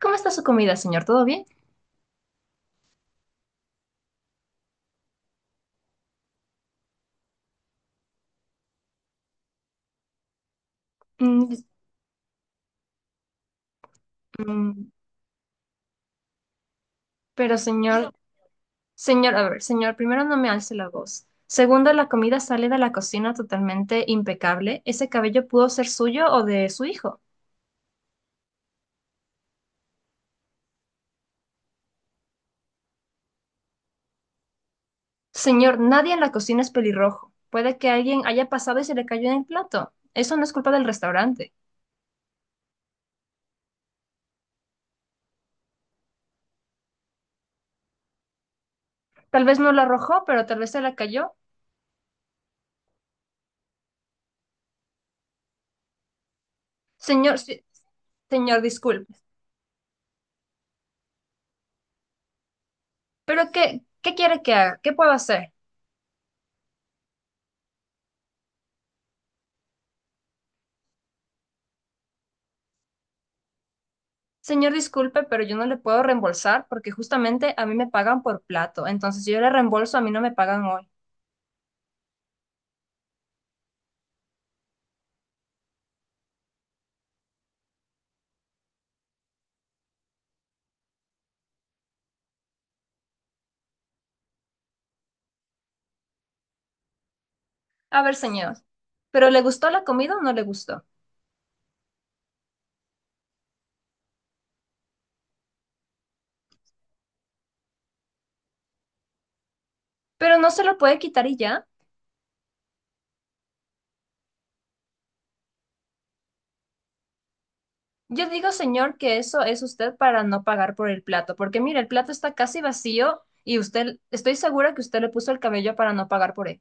¿Cómo está su comida, señor? ¿Todo bien? "Mm, dis- mm, pero, señor, señor, a ver, señor, primero no me alce la voz. Segundo, la comida sale de la cocina totalmente impecable. Ese cabello pudo ser suyo o de su hijo. Señor, nadie en la cocina es pelirrojo. Puede que alguien haya pasado y se le cayó en el plato. Eso no es culpa del restaurante. Tal vez no lo arrojó, pero tal vez se le cayó. Señor, señor, disculpe. ¿Pero qué quiere que haga? ¿Qué puedo hacer? Señor, disculpe, pero yo no le puedo reembolsar porque justamente a mí me pagan por plato. Entonces, si yo le reembolso, a mí no me pagan hoy. A ver, señor, ¿pero le gustó la comida o no le gustó? Pero no se lo puede quitar y ya. Yo digo, señor, que eso es usted para no pagar por el plato, porque mire, el plato está casi vacío y usted, estoy segura que usted le puso el cabello para no pagar por él.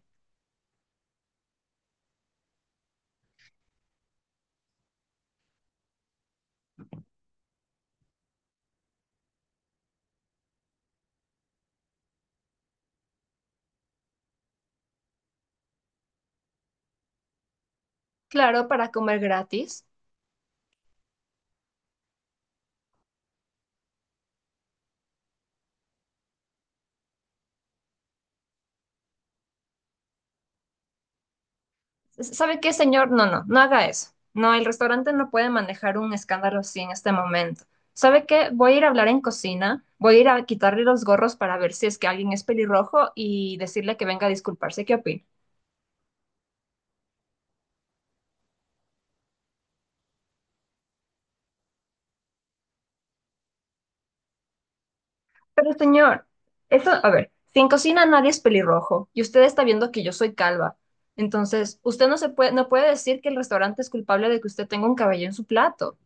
Claro, para comer gratis. ¿Sabe qué, señor? No, no, no haga eso. No, el restaurante no puede manejar un escándalo así en este momento. ¿Sabe qué? Voy a ir a hablar en cocina, voy a ir a quitarle los gorros para ver si es que alguien es pelirrojo y decirle que venga a disculparse. ¿Qué opina? Pero, señor, eso, a ver, si en cocina nadie es pelirrojo y usted está viendo que yo soy calva, entonces usted no puede decir que el restaurante es culpable de que usted tenga un cabello en su plato.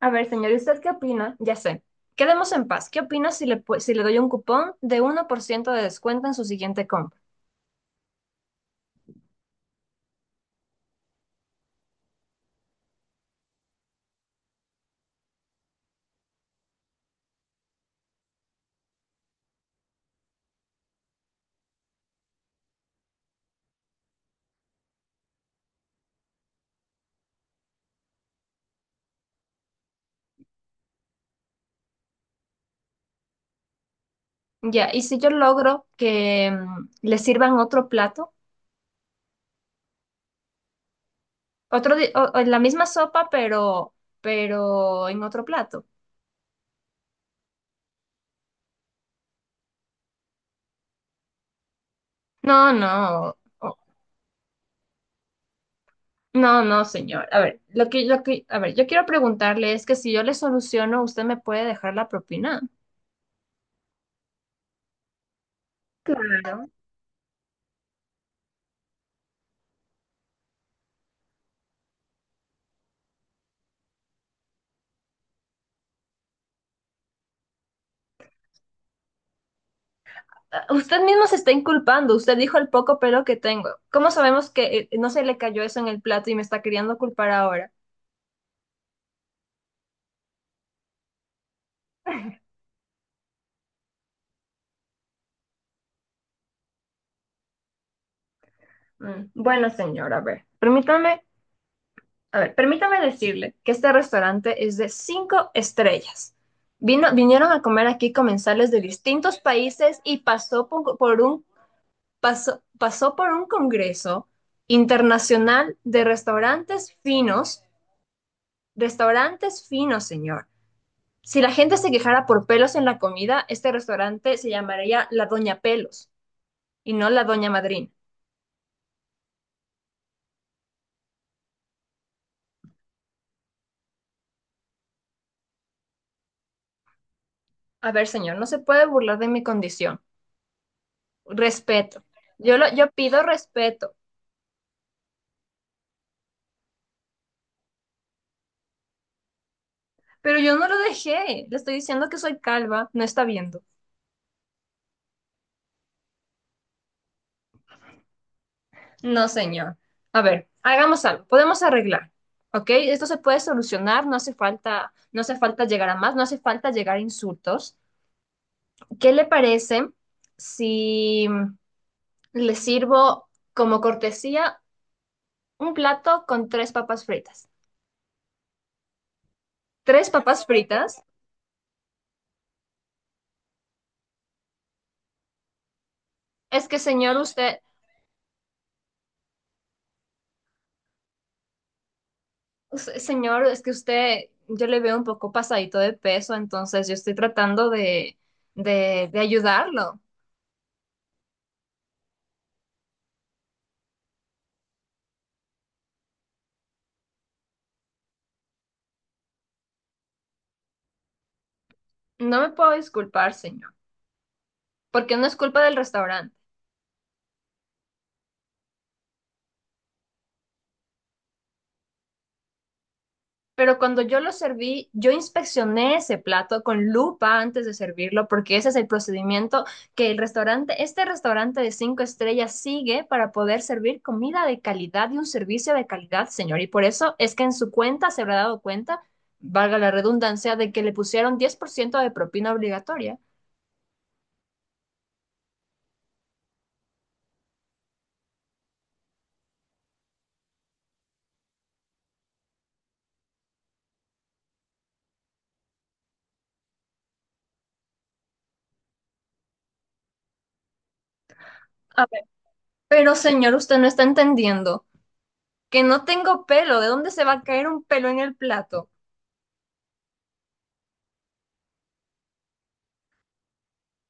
A ver, señor, ¿y usted qué opina? Ya sé. Quedemos en paz. ¿Qué opina si le, si le doy un cupón de 1% de descuento en su siguiente compra? Ya, ¿y si yo logro que le sirvan otro plato, o la misma sopa, pero en otro plato? No, no, o- no, no, señor. A ver, a ver, yo quiero preguntarle es que si yo le soluciono, ¿usted me puede dejar la propina? Claro. Ah, usted mismo se está inculpando, usted dijo el poco pelo que tengo. ¿Cómo sabemos que no se le cayó eso en el plato y me está queriendo culpar ahora? Bueno, señor, a ver, permítame decirle que este restaurante es de cinco estrellas. Vinieron a comer aquí comensales de distintos países y pasó por un congreso internacional de restaurantes finos, señor. Si la gente se quejara por pelos en la comida, este restaurante se llamaría La Doña Pelos y no La Doña Madrina. A ver, señor, no se puede burlar de mi condición. Respeto. Yo pido respeto, pero yo no lo dejé. Le estoy diciendo que soy calva, no está viendo. No, señor. A ver, hagamos algo, podemos arreglar. ¿Ok? Esto se puede solucionar, no hace falta, no hace falta llegar a más, no hace falta llegar a insultos. ¿Qué le parece si le sirvo como cortesía un plato con tres papas fritas? ¿Tres papas fritas? Es que, señor, usted, señor, es que usted, yo le veo un poco pasadito de peso, entonces yo estoy tratando de ayudarlo. No me puedo disculpar, señor, porque no es culpa del restaurante. Pero cuando yo lo serví, yo inspeccioné ese plato con lupa antes de servirlo, porque ese es el procedimiento que este restaurante de cinco estrellas sigue para poder servir comida de calidad y un servicio de calidad, señor. Y por eso es que en su cuenta se habrá dado cuenta, valga la redundancia, de que le pusieron 10% de propina obligatoria. A ver, pero señor, usted no está entendiendo que no tengo pelo. ¿De dónde se va a caer un pelo en el plato?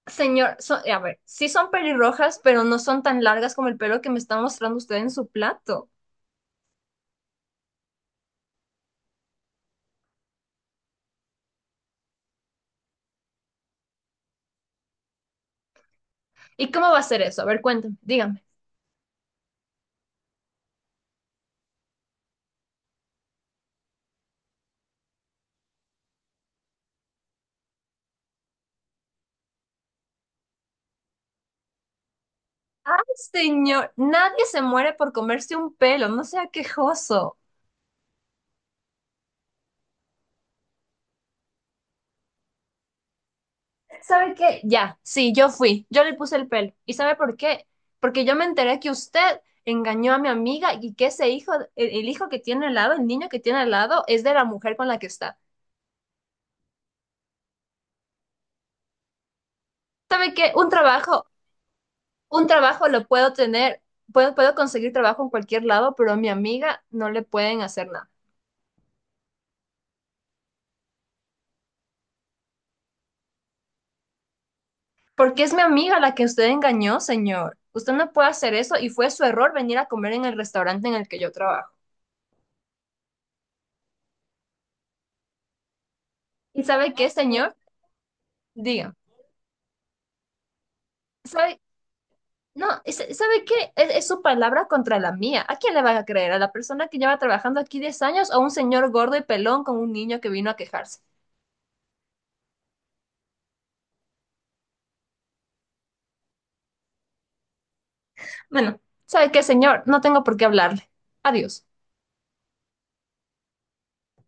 Señor, a ver, sí son pelirrojas, pero no son tan largas como el pelo que me está mostrando usted en su plato. ¿Y cómo va a ser eso? A ver, cuéntame, dígame. Ay, señor, nadie se muere por comerse un pelo, no sea quejoso. ¿Sabe qué? Ya, sí, yo fui, yo le puse el pelo. ¿Y sabe por qué? Porque yo me enteré que usted engañó a mi amiga y que ese hijo, el hijo que tiene al lado, el niño que tiene al lado, es de la mujer con la que está. ¿Sabe qué? Un trabajo lo puedo tener, puedo conseguir trabajo en cualquier lado, pero a mi amiga no le pueden hacer nada. Porque es mi amiga la que usted engañó, señor. Usted no puede hacer eso y fue su error venir a comer en el restaurante en el que yo trabajo. ¿Y sabe qué, señor? Diga, ¿sabe? No, ¿sabe qué? Es su palabra contra la mía. ¿A quién le van a creer? ¿A la persona que lleva trabajando aquí 10 años o a un señor gordo y pelón con un niño que vino a quejarse? Bueno, ¿sabe qué, señor? No tengo por qué hablarle. Adiós.